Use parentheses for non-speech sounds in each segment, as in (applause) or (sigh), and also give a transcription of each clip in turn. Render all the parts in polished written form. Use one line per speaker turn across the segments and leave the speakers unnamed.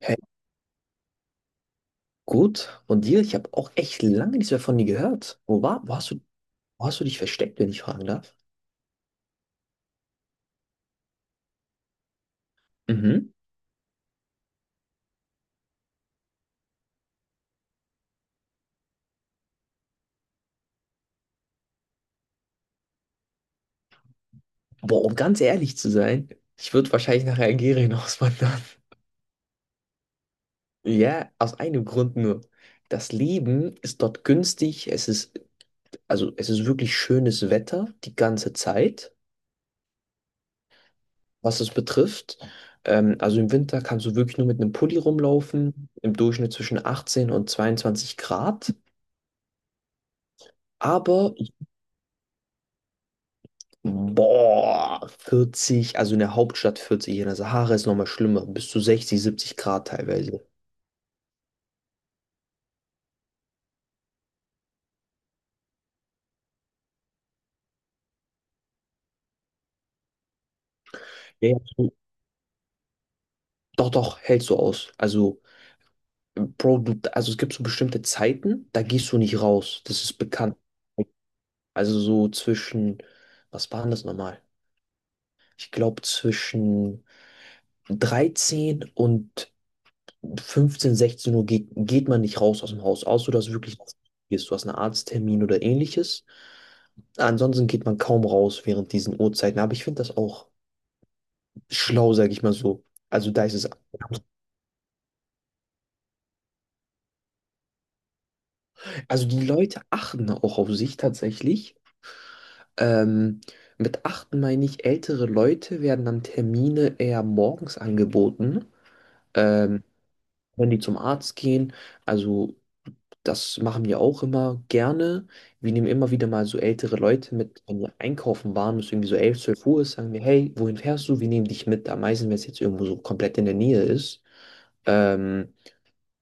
Hey, gut. Und dir? Ich habe auch echt lange nichts mehr von dir gehört. Wo hast du dich versteckt, wenn ich fragen darf? Mhm. Boah, um ganz ehrlich zu sein, ich würde wahrscheinlich nach Algerien (laughs) auswandern. Ja, aus einem Grund nur. Das Leben ist dort günstig. Also es ist wirklich schönes Wetter die ganze Zeit, was es betrifft. Also im Winter kannst du wirklich nur mit einem Pulli rumlaufen, im Durchschnitt zwischen 18 und 22 Grad. Aber Boah, 40, also in der Hauptstadt 40, in der Sahara ist nochmal schlimmer, bis zu 60, 70 Grad teilweise. Ja, ja. Doch, doch, hältst du aus. Also, Bro, also es gibt so bestimmte Zeiten, da gehst du nicht raus. Das ist bekannt. Also so zwischen, was waren das nochmal? Ich glaube zwischen 13 und 15, 16 Uhr geht man nicht raus aus dem Haus, außer du hast wirklich du hast einen Arzttermin oder ähnliches. Ansonsten geht man kaum raus während diesen Uhrzeiten. Aber ich finde das auch schlau, sage ich mal so. Also da ist es. Also die Leute achten auch auf sich tatsächlich. Ähm, mit achten meine ich, ältere Leute werden dann Termine eher morgens angeboten, ähm, wenn die zum Arzt gehen. Also das machen wir auch immer gerne. Wir nehmen immer wieder mal so ältere Leute mit, wenn wir einkaufen waren, es ist irgendwie so 11, 12 Uhr ist, sagen wir, hey, wohin fährst du? Wir nehmen dich mit. Am meisten, wenn es jetzt irgendwo so komplett in der Nähe ist. Ähm,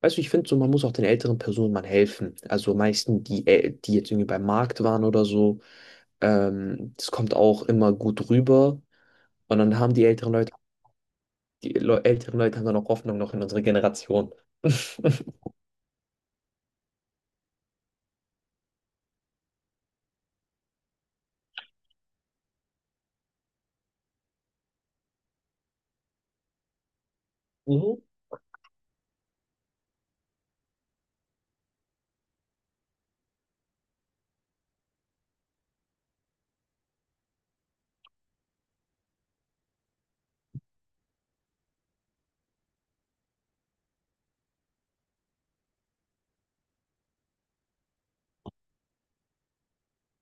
weißt du, ich finde so, man muss auch den älteren Personen mal helfen. Also meisten, die jetzt irgendwie beim Markt waren oder so, das kommt auch immer gut rüber. Und dann haben die älteren Leute, älteren Leute haben dann auch Hoffnung noch in unsere Generation. (laughs) Mhm.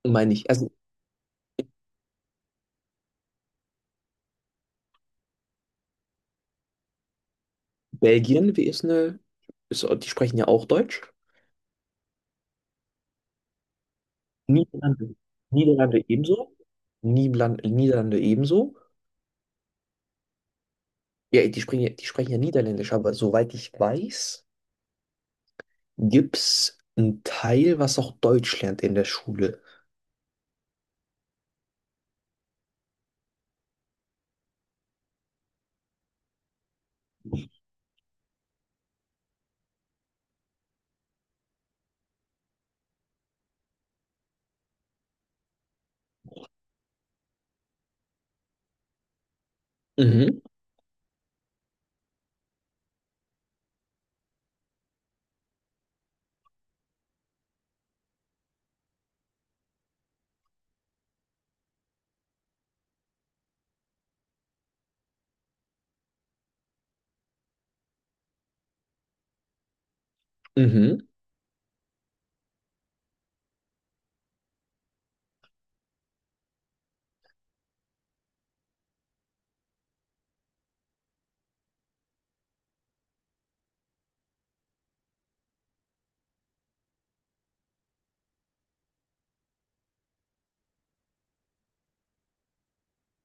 Meine ich. Also Belgien, wie ist eine, ist, die sprechen ja auch Deutsch. Niederlande, Niederlande ebenso. Niederlande ebenso. Ja, die sprechen ja Niederländisch, aber soweit ich weiß, gibt es einen Teil, was auch Deutsch lernt in der Schule. Mhm, mhm.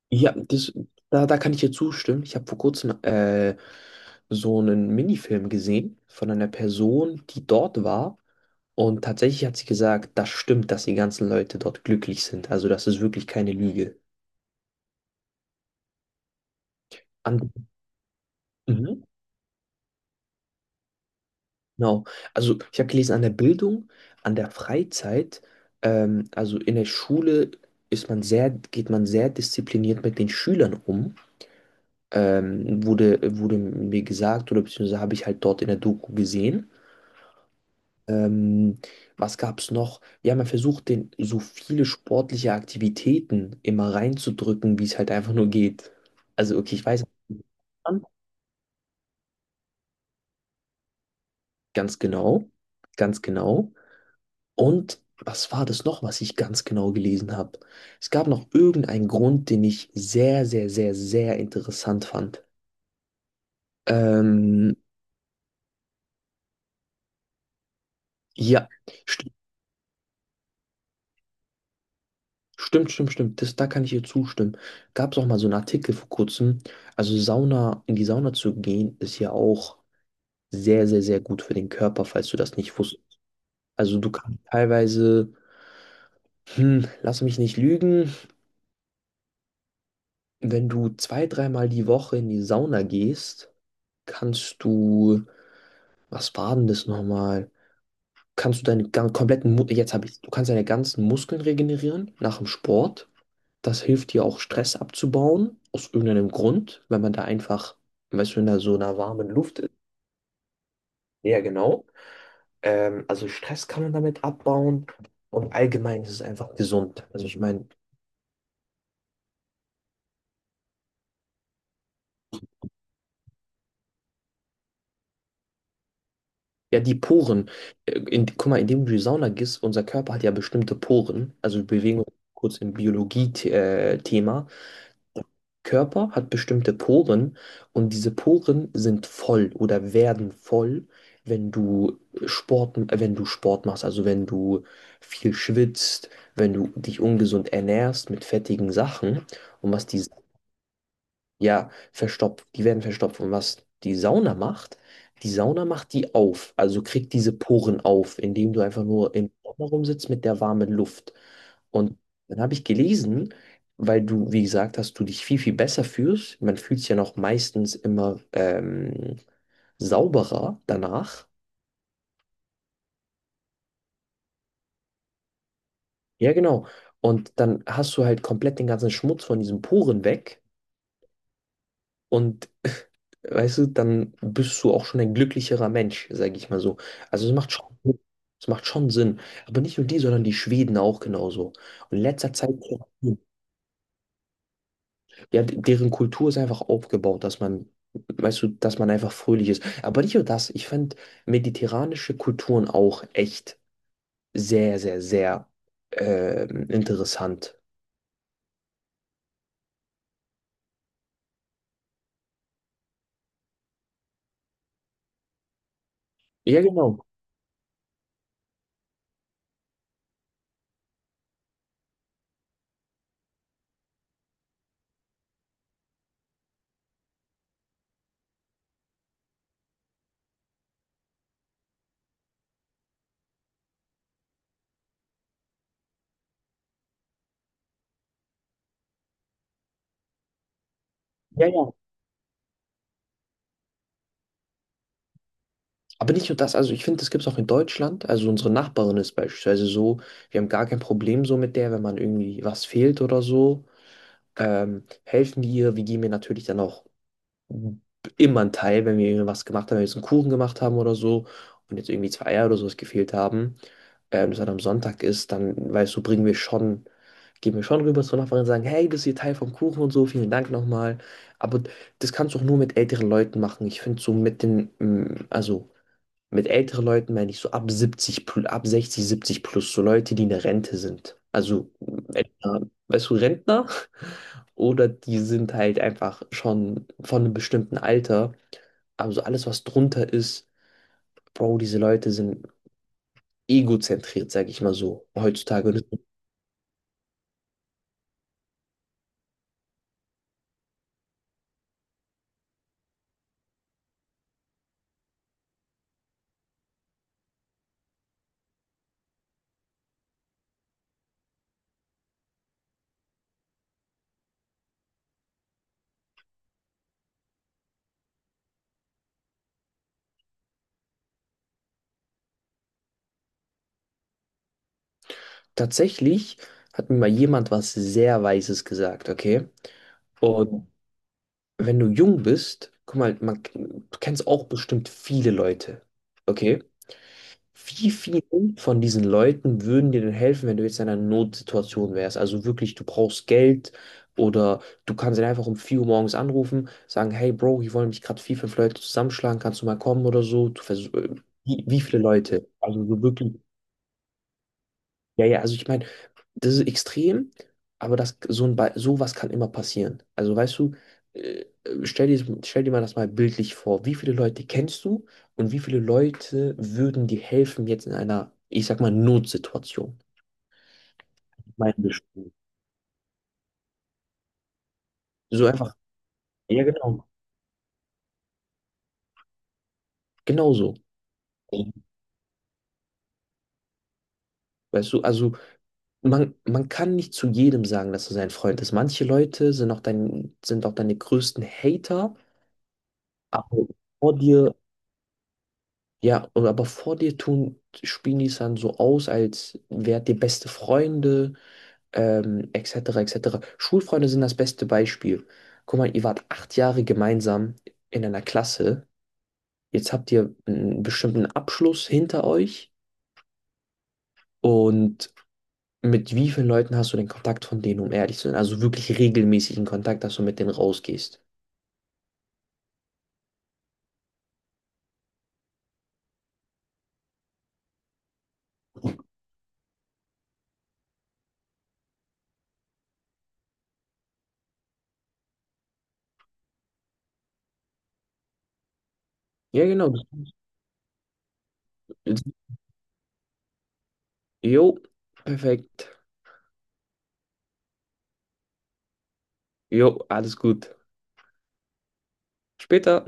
Ja, da kann ich dir zustimmen. Ich habe vor kurzem so einen Minifilm gesehen von einer Person, die dort war. Und tatsächlich hat sie gesagt, das stimmt, dass die ganzen Leute dort glücklich sind. Also das ist wirklich keine Lüge. An, mhm, genau. Also ich habe gelesen, an der Bildung, an der Freizeit, also in der Schule geht man sehr diszipliniert mit den Schülern um. Wurde mir gesagt, oder beziehungsweise habe ich halt dort in der Doku gesehen. Ähm, was gab es noch? Wir haben ja versucht, den so viele sportliche Aktivitäten immer reinzudrücken, wie es halt einfach nur geht. Also, okay, ich weiß, ganz genau, ganz genau. Und was war das noch, was ich ganz genau gelesen habe? Es gab noch irgendeinen Grund, den ich sehr, sehr, sehr, sehr interessant fand. Ähm, ja, Stimmt, stimmt, stimmt. Da kann ich ihr zustimmen. Gab es auch mal so einen Artikel vor kurzem. Also Sauna, in die Sauna zu gehen, ist ja auch sehr, sehr, sehr gut für den Körper, falls du das nicht wusstest. Also du kannst teilweise, lass mich nicht lügen, wenn du zwei, dreimal die Woche in die Sauna gehst, kannst du, was war denn das nochmal? Kannst du deinen gan- kompletten, Mu- du kannst deine ganzen Muskeln regenerieren nach dem Sport. Das hilft dir auch Stress abzubauen, aus irgendeinem Grund, wenn man da einfach, weißt du, so einer warmen Luft ist. Ja, genau. Also Stress kann man damit abbauen und allgemein ist es einfach gesund. Also ich meine, ja, die Poren, guck mal, indem du in die Sauna gehst, unser Körper hat ja bestimmte Poren, also wir bewegen uns kurz im Biologie-Thema. Körper hat bestimmte Poren und diese Poren sind voll oder werden voll, wenn du wenn du Sport machst, also wenn du viel schwitzt, wenn du dich ungesund ernährst mit fettigen Sachen und was die, ja, verstopft, die werden verstopft und was die Sauna macht, die Sauna macht die auf, also kriegt diese Poren auf, indem du einfach nur im Sommer rumsitzt mit der warmen Luft. Und dann habe ich gelesen, weil du, wie gesagt hast, du dich viel, viel besser fühlst. Man fühlt sich ja noch meistens immer sauberer danach. Ja, genau. Und dann hast du halt komplett den ganzen Schmutz von diesen Poren weg. Und (laughs) weißt du, dann bist du auch schon ein glücklicherer Mensch, sage ich mal so. Also es macht schon Sinn. Aber nicht nur die, sondern die Schweden auch genauso. Und in letzter Zeit. Ja, deren Kultur ist einfach aufgebaut, dass man, weißt du, dass man einfach fröhlich ist. Aber nicht nur das, ich fand mediterranische Kulturen auch echt sehr, sehr, sehr interessant. Ja, genau. Ja, ja. Aber nicht nur das, also ich finde, das gibt es auch in Deutschland. Also unsere Nachbarin ist beispielsweise so, wir haben gar kein Problem so mit der, wenn man irgendwie was fehlt oder so. Helfen wir ihr, wir geben ihr natürlich dann auch immer ein Teil, wenn wir was gemacht haben, wenn wir jetzt einen Kuchen gemacht haben oder so und jetzt irgendwie zwei Eier oder sowas gefehlt haben, das dann am Sonntag ist, dann, weißt du, gehen wir schon rüber zur Nachbarin und sagen, hey, das ist hier Teil vom Kuchen und so, vielen Dank nochmal. Aber das kannst du auch nur mit älteren Leuten machen. Ich finde so also mit älteren Leuten meine ich so ab 60, 70 plus, so Leute, die in der Rente sind. Also, Rentner, weißt du, Rentner? (laughs) Oder die sind halt einfach schon von einem bestimmten Alter. Also alles, was drunter ist, Bro, diese Leute sind egozentriert, sag ich mal so, heutzutage. Und tatsächlich hat mir mal jemand was sehr Weises gesagt, okay? Und wenn du jung bist, guck mal, man, du kennst auch bestimmt viele Leute, okay? Wie vielen von diesen Leuten würden dir denn helfen, wenn du jetzt in einer Notsituation wärst? Also wirklich, du brauchst Geld oder du kannst ihn einfach um 4 Uhr morgens anrufen, sagen, hey Bro, hier wollen mich gerade vier, fünf Leute zusammenschlagen, kannst du mal kommen oder so? Wie viele Leute? Also so wirklich, ja, ja, also ich meine, das ist extrem, aber das, so ein, Be- sowas kann immer passieren. Also weißt du, äh, stell dir mal das mal bildlich vor. Wie viele Leute kennst du und wie viele Leute würden dir helfen jetzt in einer, ich sag mal, Notsituation? Gemeindeschule. So einfach. Ja, genau. Genauso. Weißt du, also man kann nicht zu jedem sagen, dass er sein Freund ist. Manche Leute sind auch sind auch deine größten Hater, aber vor dir ja, und aber vor dir tun, spielen die es dann so aus, als wärt ihr beste Freunde, etc., etc. Schulfreunde sind das beste Beispiel. Guck mal, ihr wart 8 Jahre gemeinsam in einer Klasse. Jetzt habt ihr einen bestimmten Abschluss hinter euch. Und mit wie vielen Leuten hast du den Kontakt von denen, um ehrlich zu sein? Also wirklich regelmäßigen Kontakt, dass du mit denen rausgehst. Ja, genau. Jo, perfekt. Jo, alles gut. Später.